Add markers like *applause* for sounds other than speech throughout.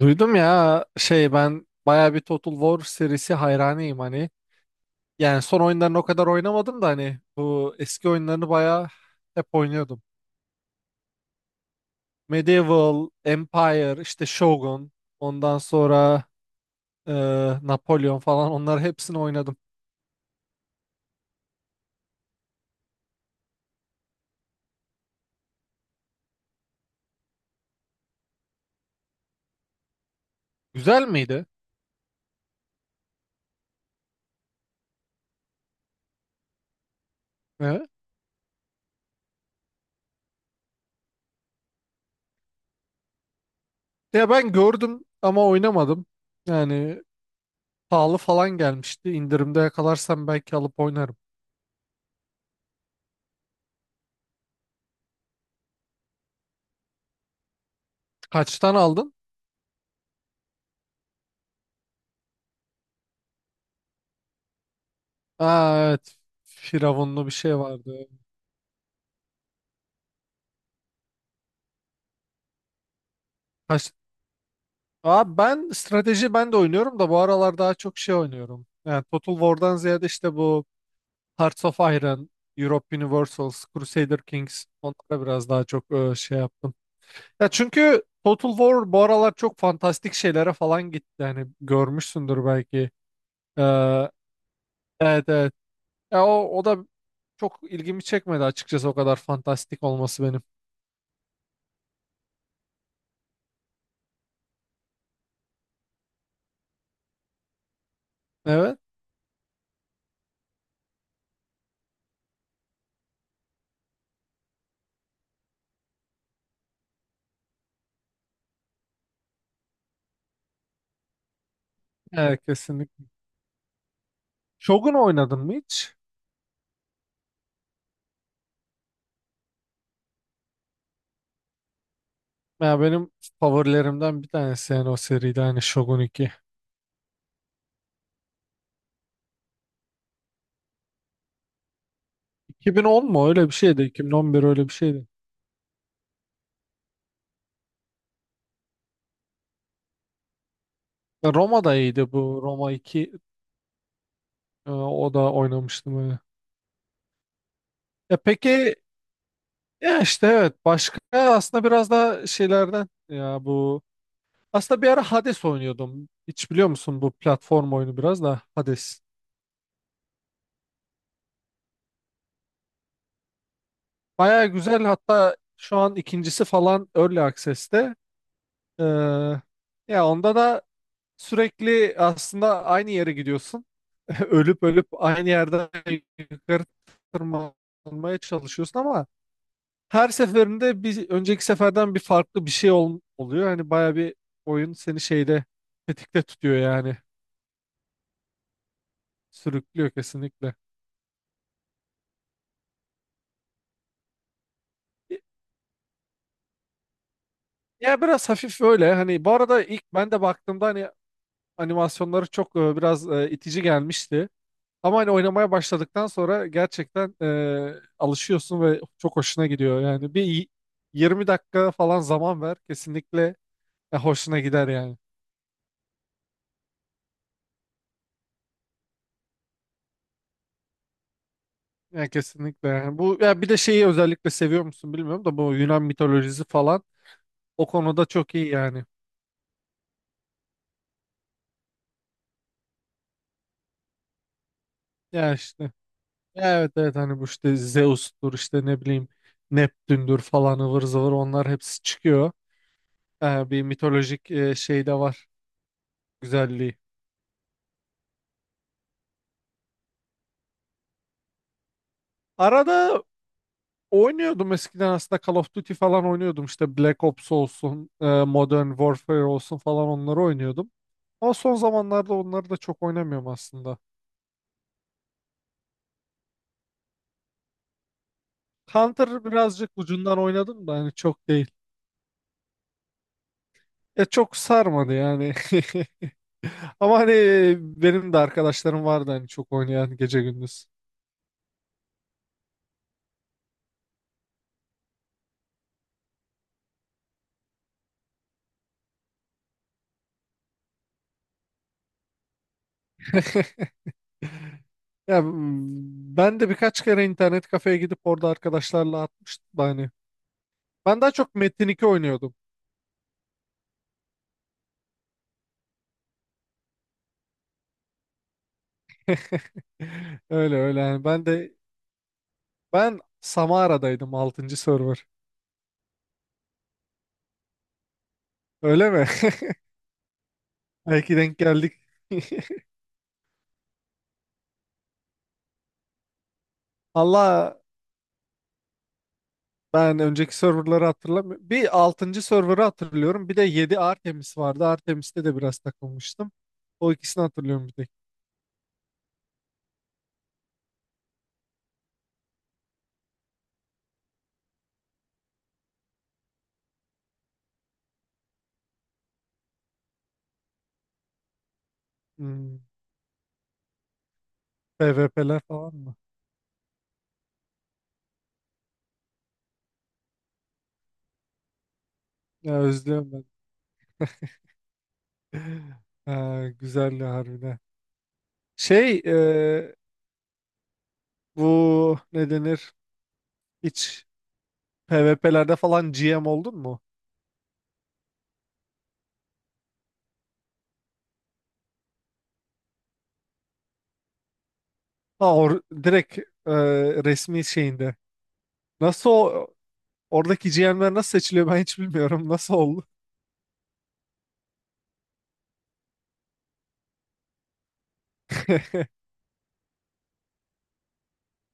Duydum ya şey ben baya bir Total War serisi hayranıyım hani. Yani son oyunlarını o kadar oynamadım da hani bu eski oyunlarını baya hep oynuyordum. Medieval, Empire, işte Shogun, ondan sonra e, Napolyon falan onları hepsini oynadım. Güzel miydi? Evet. Ya ben gördüm ama oynamadım. Yani pahalı falan gelmişti. İndirimde yakalarsam belki alıp oynarım. Kaçtan aldın? Aa, evet. Firavunlu bir şey vardı. Kaç Abi ben strateji ben de oynuyorum da bu aralar daha çok şey oynuyorum. Yani Total War'dan ziyade işte bu Hearts of Iron, Europe Universals, Crusader Kings onlara biraz daha çok şey yaptım. Ya çünkü Total War bu aralar çok fantastik şeylere falan gitti. Yani görmüşsündür belki. Ee, evet, evet. Ya o da çok ilgimi çekmedi açıkçası, o kadar fantastik olması benim. Evet. Evet, kesinlikle. Shogun oynadın mı hiç? Ya benim favorilerimden bir tanesi yani o seride hani Shogun 2. 2010 mu öyle bir şeydi, 2011 öyle bir şeydi. Ya Roma da iyiydi, bu Roma iki o da oynamıştım öyle. Ya peki, ya işte evet, başka aslında biraz da şeylerden ya bu aslında bir ara Hades oynuyordum. Hiç biliyor musun, bu platform oyunu biraz da Hades. Baya güzel, hatta şu an ikincisi falan Early Access'te. Ee, ya onda da sürekli aslında aynı yere gidiyorsun. *laughs* Ölüp ölüp aynı yerden yukarı tırmanmaya çalışıyorsun ama her seferinde bir önceki seferden bir farklı bir şey oluyor. Hani baya bir oyun seni şeyde tetikte tutuyor yani. Sürüklüyor, kesinlikle. Ya biraz hafif öyle. Hani bu arada ilk ben de baktığımda hani animasyonları çok biraz itici gelmişti. Ama hani oynamaya başladıktan sonra gerçekten alışıyorsun ve çok hoşuna gidiyor. Yani bir 20 dakika falan zaman ver, kesinlikle hoşuna gider yani. Yani kesinlikle yani. Bu ya bir de şeyi özellikle seviyor musun bilmiyorum da, bu Yunan mitolojisi falan o konuda çok iyi yani. Ya işte ya evet, evet, hani bu işte Zeus'tur, işte ne bileyim Neptün'dür falan ıvır zıvır, onlar hepsi çıkıyor. E, bir mitolojik şey de var güzelliği. Arada oynuyordum eskiden aslında. Call of Duty falan oynuyordum, işte Black Ops olsun, Modern Warfare olsun falan, onları oynuyordum. Ama son zamanlarda onları da çok oynamıyorum aslında. Counter birazcık ucundan oynadım da hani, çok değil. E, çok sarmadı yani. *laughs* Ama hani benim de arkadaşlarım vardı hani çok oynayan, gece gündüz. *laughs* Ya ben de birkaç kere internet kafeye gidip orada arkadaşlarla atmıştım da hani. Ben daha çok Metin 2 oynuyordum. *laughs* Öyle öyle yani, ben de. Ben Samara'daydım, altıncı server. Öyle mi? *laughs* Belki denk geldik. *laughs* Allah, ben önceki serverları hatırlamıyorum. Bir altıncı serverı hatırlıyorum. Bir de 7 Artemis vardı. Artemis'te de biraz takılmıştım. O ikisini hatırlıyorum bir tek. Hmm, PvP'ler falan mı? Ya özlüyorum ben. *laughs* Ha, güzeldi harbiden. Şey, bu ne denir? Hiç PvP'lerde falan GM oldun mu? Ha, or direkt e, resmi şeyinde. Nasıl o. Oradaki GM'ler nasıl seçiliyor ben hiç bilmiyorum. Nasıl oldu?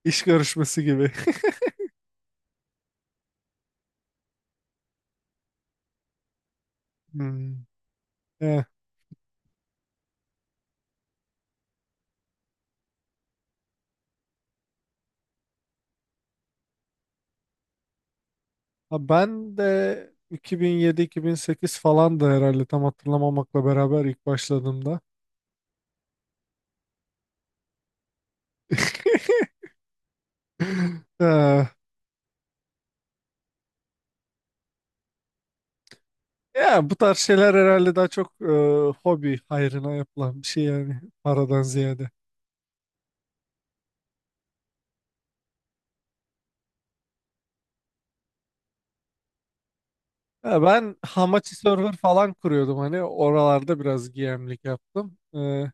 İş görüşmesi gibi. *laughs* Hmm. Eh. Ha, ben de 2007-2008 falandı herhalde, tam hatırlamamakla beraber, ilk başladığımda. *laughs* Eh, ya bu tarz şeyler herhalde daha çok hobi hayrına yapılan bir şey yani, paradan ziyade. Ha, ben Hamachi server falan kuruyordum, hani oralarda biraz GM'lik yaptım.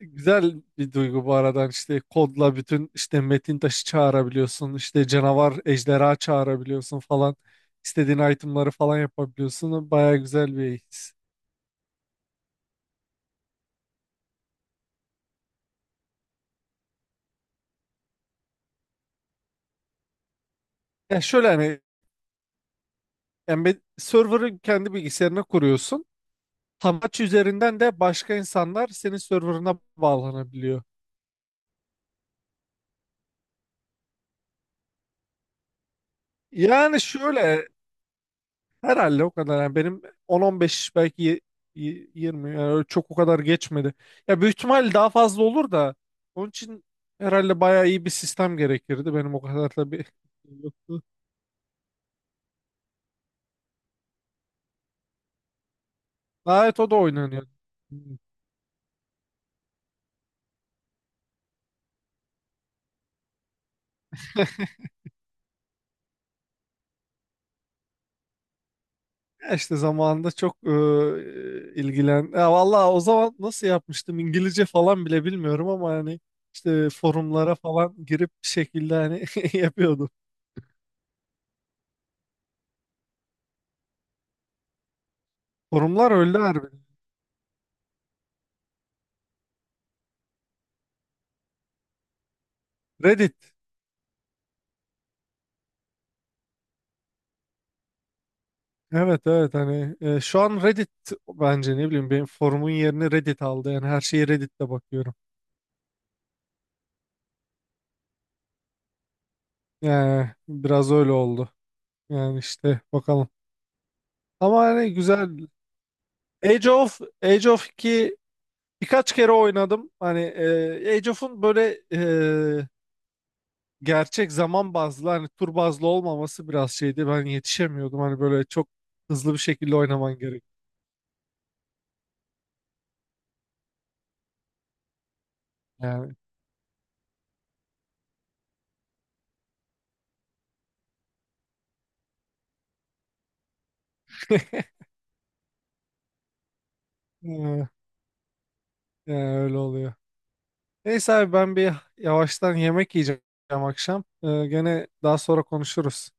Güzel bir duygu, bu aradan işte kodla bütün işte metin taşı çağırabiliyorsun, işte canavar, ejderha çağırabiliyorsun falan, istediğin itemları falan yapabiliyorsun, baya güzel bir his. Ya şöyle hani embed server'ı kendi bilgisayarına kuruyorsun, tam aç üzerinden de başka insanlar senin server'ına bağlanabiliyor. Yani şöyle, herhalde o kadar. Yani benim 10-15, belki 20, yani öyle çok o kadar geçmedi. Ya büyük ihtimal daha fazla olur da, onun için herhalde bayağı iyi bir sistem gerekirdi. Benim o kadar da bir *laughs* yoktu. Gayet, o da oynanıyor. Hmm. Ya işte zamanında çok ilgilen. Ya vallahi o zaman nasıl yapmıştım, İngilizce falan bile bilmiyorum ama hani işte forumlara falan girip bir şekilde hani *laughs* yapıyordum. Forumlar öldü harbiden. Reddit. Evet, evet, hani şu an Reddit bence, ne bileyim, benim forumun yerini Reddit aldı. Yani her şeyi Reddit'te bakıyorum. Yani biraz öyle oldu. Yani işte bakalım. Ama hani güzel. Age of 2 birkaç kere oynadım. Hani Age of'un böyle e, gerçek zaman bazlı hani, tur bazlı olmaması biraz şeydi. Ben yetişemiyordum. Hani böyle çok hızlı bir şekilde oynaman gerek. Yani, *laughs* yani öyle oluyor. Neyse abi, ben bir yavaştan yemek yiyeceğim akşam. Gene daha sonra konuşuruz.